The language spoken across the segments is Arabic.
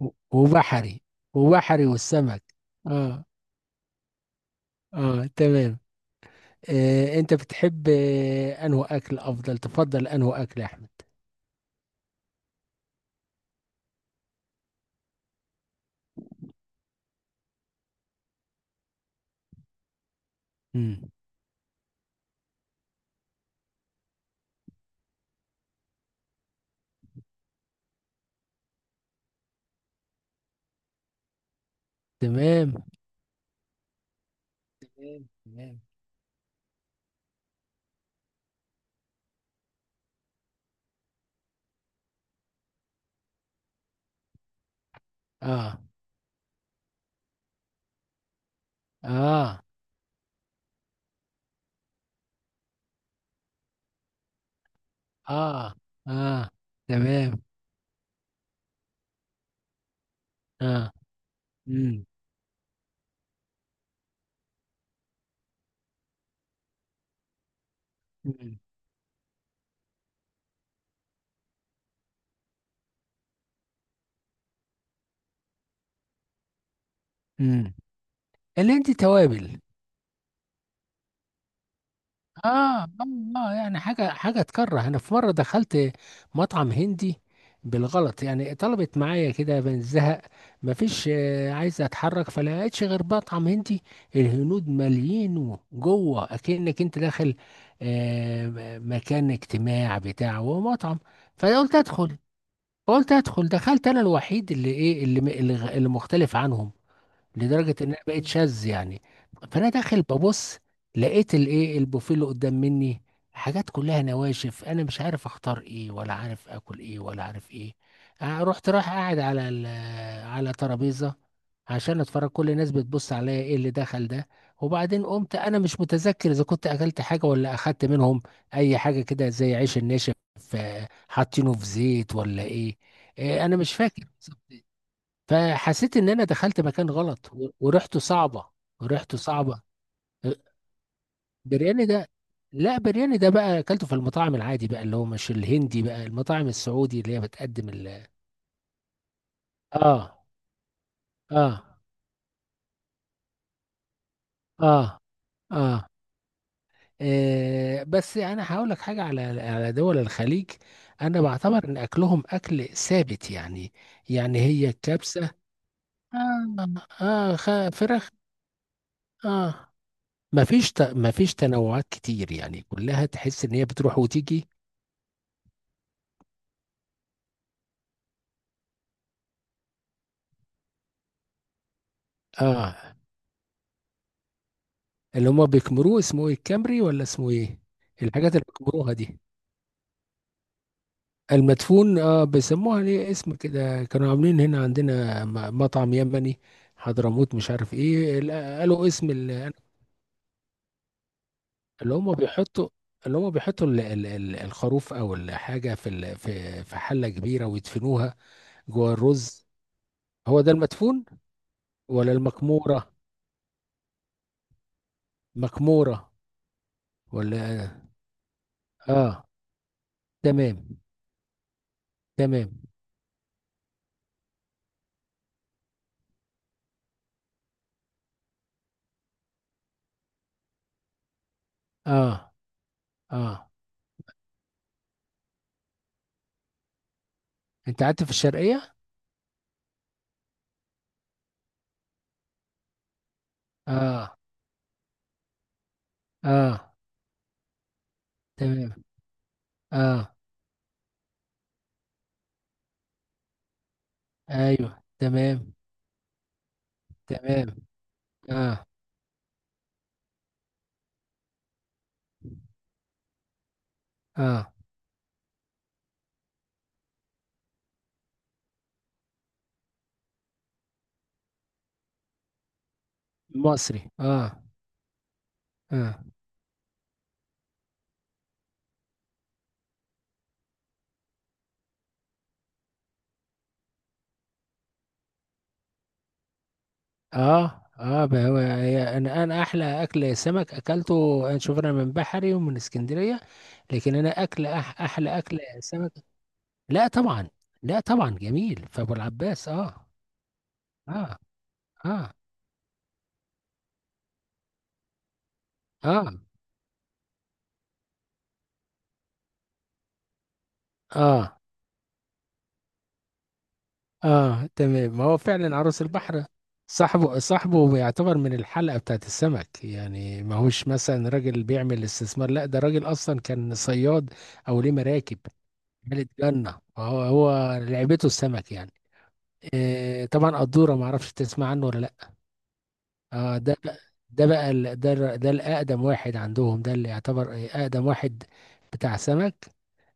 و- وبحري وبحري والسمك. اه. اه. تمام. انت بتحب انه اكل تفضل انه اكل يا احمد؟ امم. تمام. تمام. تمام. اه. اه. اه. اه. تمام. اه. امم. امم. أمم. اللي عندي توابل. اه. اه. يعني حاجه تكره. انا في مره دخلت مطعم هندي بالغلط، يعني طلبت معايا كده من الزهق. مفيش عايز اتحرك، فلقيتش غير مطعم هندي. الهنود ماليين جوه اكنك انت داخل مكان اجتماع، بتاع هو مطعم. فقلت ادخل. قلت ادخل دخلت، انا الوحيد اللي ايه، اللي م- اللي غ- اللي مختلف عنهم لدرجه انها بقت شاذ يعني. فانا داخل ببص، لقيت الايه البوفيه اللي قدام مني، حاجات كلها نواشف، انا مش عارف اختار ايه ولا عارف اكل ايه ولا عارف ايه. رايح قاعد على ترابيزه عشان اتفرج، كل الناس بتبص عليا ايه اللي دخل ده. وبعدين قمت انا مش متذكر اذا كنت اكلت حاجه ولا اخدت منهم اي حاجه كده زي عيش الناشف. حاطينه في زيت ولا ايه. انا مش فاكر. فحسيت ان انا دخلت مكان غلط و- وريحته صعبه. وريحته صعبه. برياني ده؟ لا برياني ده بقى اكلته في المطاعم العادي بقى، اللي هو مش الهندي بقى، المطاعم السعودي اللي هي بتقدم ال. اه. اه. اه. اه. بس انا هقول لك حاجه على دول الخليج. انا بعتبر ان اكلهم اكل ثابت يعني. يعني هي الكبسه. اه. فراخ. اه. ما فيش ت... ما فيش تنوعات كتير يعني، كلها تحس ان هي بتروح وتيجي. اه، اللي هما بيكمروه اسمه ايه، الكمري ولا اسمه ايه؟ الحاجات اللي بيكمروها دي. المدفون اه، بيسموها ليه اسم كده؟ كانوا عاملين هنا عندنا مطعم يمني، حضرموت مش عارف ايه ال-، قالوا اسم ال-، اللي هما بيحطوا، اللي هما بيحطوا الخروف او الحاجة في ال- في في حلة كبيرة ويدفنوها جوه الرز. هو ده المدفون ولا المكمورة؟ مكمورة؟ ولا. اه. تمام. تمام. اه. اه. انت قعدت في الشرقية؟ اه. اه. تمام. اه. ايوه. تمام. تمام. اه. اه. مصري، اه. اه. اه. اه. بقى، هو هي-، انا احلى اكل سمك اكلته انا، شوف، انا من بحري ومن اسكندرية. لكن انا اكل، احلى اكل سمك. لا طبعا. لا طبعا جميل فابو العباس اه. اه. اه. اه. اه. اه. تمام، ما هو فعلا عروس البحر. صاحبه، صاحبه بيعتبر من الحلقة بتاعت السمك يعني، ما هوش مثلا راجل بيعمل استثمار. لا ده راجل اصلا كان صياد، او ليه مراكب، ملك جنة، هو هو لعبته السمك يعني. آه طبعا قدورة، ما اعرفش تسمع عنه ولا لا. آه. ده ده بقى ال-، ده الر-، ده الاقدم واحد عندهم، ده اللي يعتبر اقدم واحد بتاع سمك.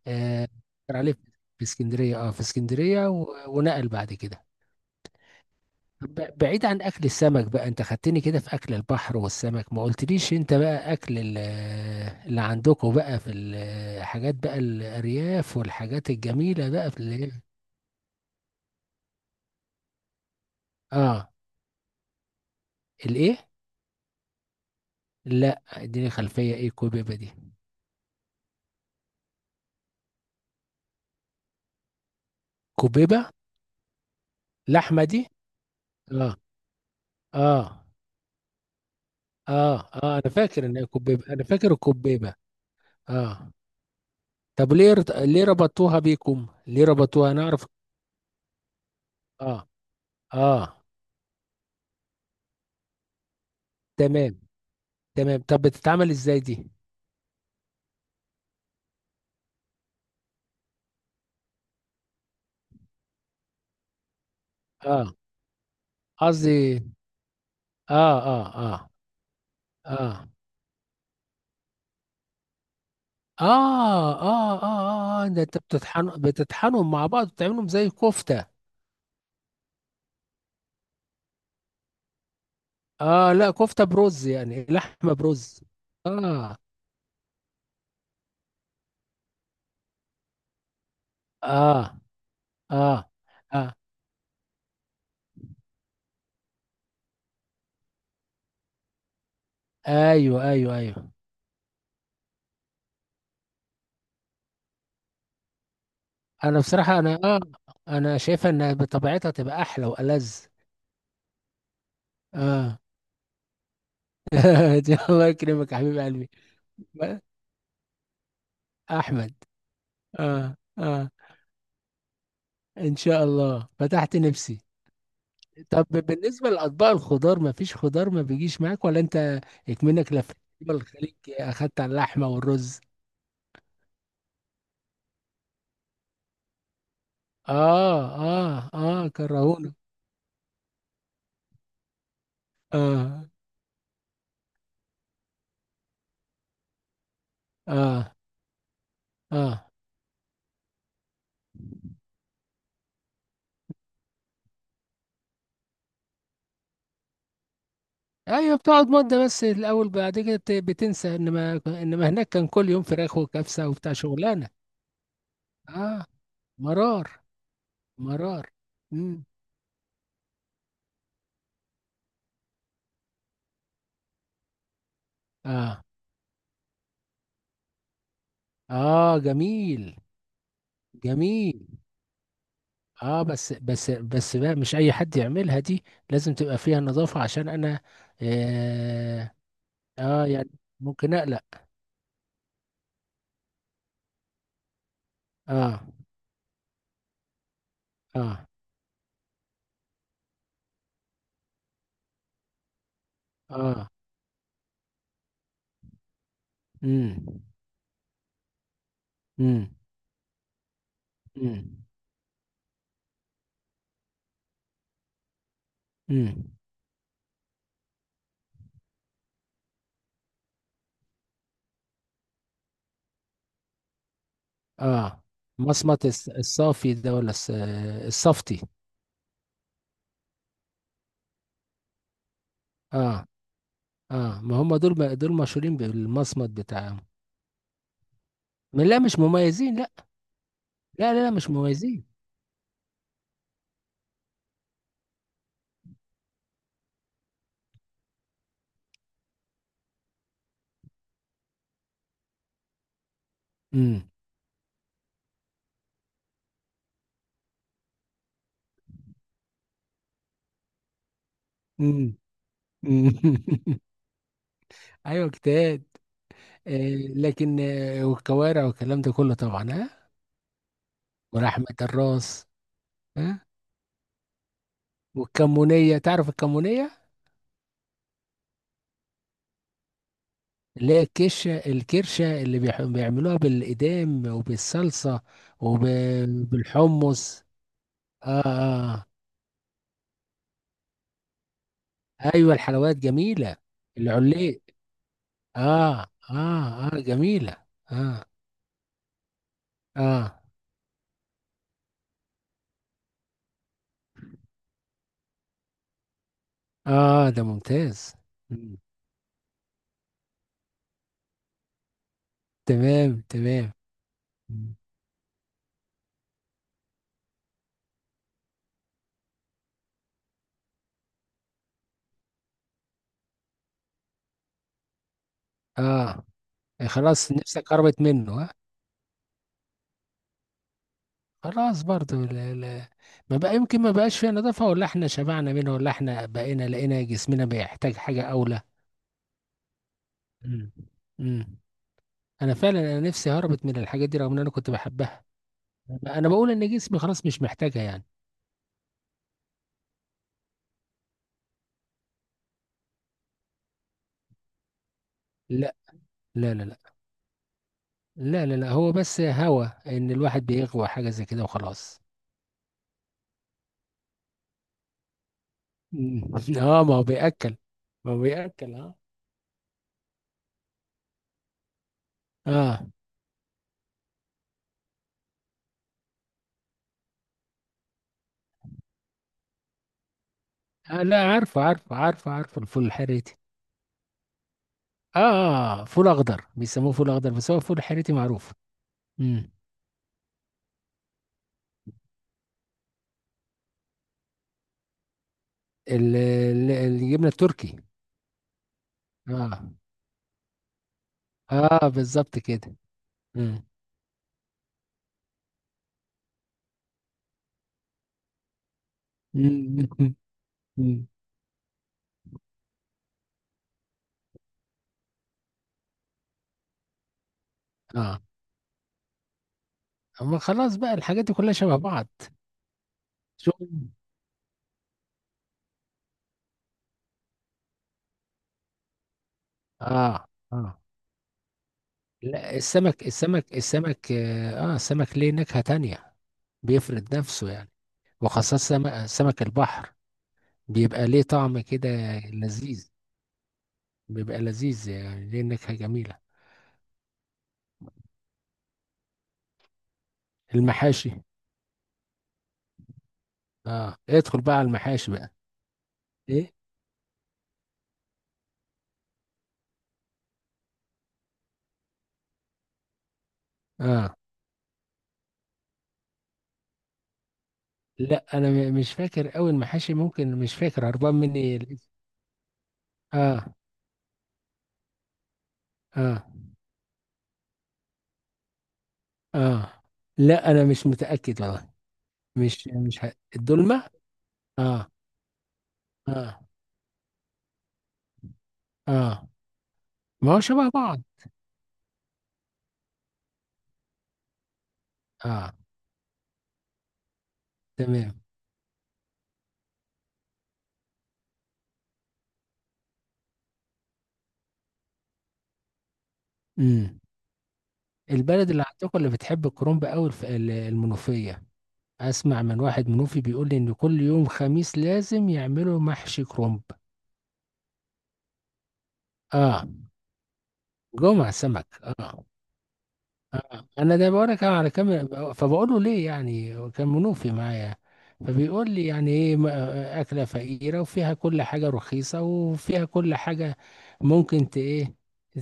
آه، كان عليه في اسكندرية. اه في اسكندرية و- ونقل بعد كده. بعيد عن اكل السمك بقى، انت خدتني كده في اكل البحر والسمك، ما قلتليش انت بقى اكل ال-، اللي عندكم بقى في الحاجات، بقى الارياف والحاجات الجميله بقى في اللي. اه. الايه؟ لا اديني خلفيه، ايه كوبيبه دي؟ كوبيبه. لحمه دي؟ اه. اه. اه. اه، انا فاكر ان هي كوبيبه، انا فاكر الكوبيبه. اه. طب ليه ليه ربطوها بيكم؟ ليه ربطوها نعرف. اه. اه. تمام. تمام، طب بتتعمل ازاي دي؟ اه. قصدي، اه. اه. اه. اه. اه. اه. اه. اه. آه، ده انت بتطحن، بتطحنهم مع بعض وتعملهم زي كفتة؟ اه. لا كفتة برز يعني، لحمة برز. اه. اه. اه. اه. ايوه ايوه ايوه. انا بصراحة انا اه، انا شايفة ان بطبيعتها تبقى احلى والذ. اه. دي الله يكرمك يا حبيب قلبي. احمد. اه. اه. ان شاء الله فتحت نفسي. طب بالنسبة لأطباق الخضار، مفيش خضار ما بيجيش معاك، ولا أنت إكمنك لفيت دول الخليج أخدت على اللحمة والرز؟ آه آه آه كرهونا. آه. آه. آه. أيوة بتقعد مدة بس الأول، بعد كده بتنسى، إنما هناك كان كل يوم فراخ وكبسة وبتاع شغلانة. آه. مرار. مرار. مم. آه. آه جميل. جميل اه، بس بقى مش اي حد يعملها دي، لازم تبقى فيها نظافة عشان انا اه, آه يعني ممكن اقلق. اه. اه. اه. امم. امم. امم. امم. اه، مصمت الس-، الصافي ده ولا الس-، آه، الصفتي؟ اه. اه. ما هم دول ب-، دول مشهورين بالمصمت بتاعهم. لا مش مميزين لا. لا لا, لا مش مميزين. امم. امم. أمم. ايوه اجتهاد. إيه، لكن آه، والكوارع والكلام ده كله طبعا ها. ولحمة الراس. ها. والكمونية، تعرف الكمونية؟ اللي هي الكشة الكرشة اللي بيعملوها بالإدام وبالصلصة وبالحمص. آه, آه. أيوة الحلويات جميلة. العليق. آه آه آه جميلة. آه آه آه ده ممتاز. مم. تمام. تمام. مم. آه. خلاص نفسك قربت منه آه. خلاص برضو، لا لا، ما بقى يمكن ما بقاش فيها نظافة، ولا احنا شبعنا منها، ولا احنا بقينا لقينا جسمنا بيحتاج حاجة أولى. مم. امم. انا فعلا انا نفسي هربت من الحاجات دي رغم ان انا كنت بحبها. انا بقول ان جسمي خلاص مش محتاجها يعني. لا لا لا. لا لا لا, لا. هو بس هوى ان الواحد بيغوى حاجة زي كده وخلاص. مم. اه ما هو بيأكل، ما هو بيأكل اه. اه. آه، لا عارفه عارفه عارفه عارفه الفول الحريتي. اه. آه، آه، فول اخضر، بيسموه فول اخضر، بس هو فول حريتي معروف. امم. ال- ال- الجبنه التركي. اه. اه بالظبط كده. امم. أمم. أمم. اه اما خلاص بقى الحاجات دي كلها شبه بعض. شو. اه. اه. لا السمك السمك السمك اه، آه، السمك ليه نكهة تانية، بيفرد نفسه يعني، وخاصة سمك، سمك البحر بيبقى ليه طعم كده لذيذ، بيبقى لذيذ يعني، ليه نكهة جميلة. المحاشي. اه ادخل بقى على المحاشي بقى. ايه. اه، لا انا مش فاكر قوي المحاشي، ممكن مش فاكر، هربان مني الاسم. اه. اه. اه. لا انا مش متاكد والله. مش مش ه... الدولمه. اه. اه. اه، ما هو شبه بعض. اه. تمام. امم. البلد اللي عندكم اللي بتحب الكرنب قوي الف...، ال-، المنوفيه. اسمع من واحد منوفي بيقول لي ان كل يوم خميس لازم يعملوا محشي كرنب. اه. جمعه سمك. اه. انا ده بقول لك على كام، فبقول له ليه؟ يعني كان منوفي معايا. فبيقول لي يعني ايه، ما- اكله فقيره وفيها كل حاجه رخيصه وفيها كل حاجه، ممكن ت ايه،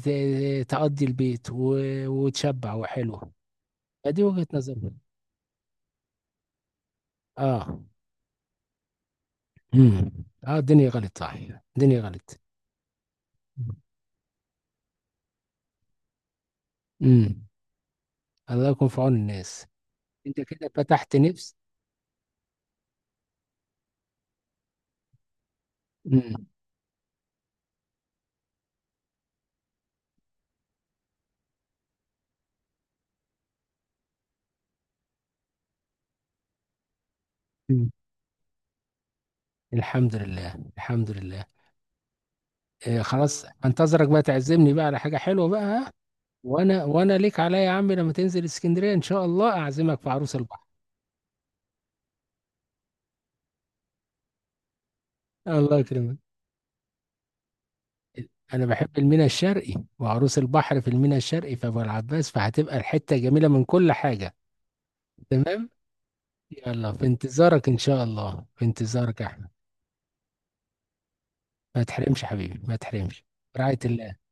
تقضي البيت وتشبع وحلو. فدي وجهه نظري. اه. امم. اه الدنيا غلط صح. الدنيا غلط. امم. الله يكون في عون الناس. انت كده فتحت نفس. امم. الحمد لله. الحمد لله. إيه خلاص، انتظرك بقى تعزمني بقى على حاجة حلوة بقى، ها؟ وانا، ليك عليا يا عم، لما تنزل اسكندرية ان شاء الله اعزمك في عروس البحر. الله يكرمك. انا بحب الميناء الشرقي، وعروس البحر في الميناء الشرقي في ابو العباس، فهتبقى الحتة جميلة من كل حاجة. تمام. يلا في انتظارك ان شاء الله، في انتظارك يا احمد. ما تحرمش حبيبي ما تحرمش. رعاية الله.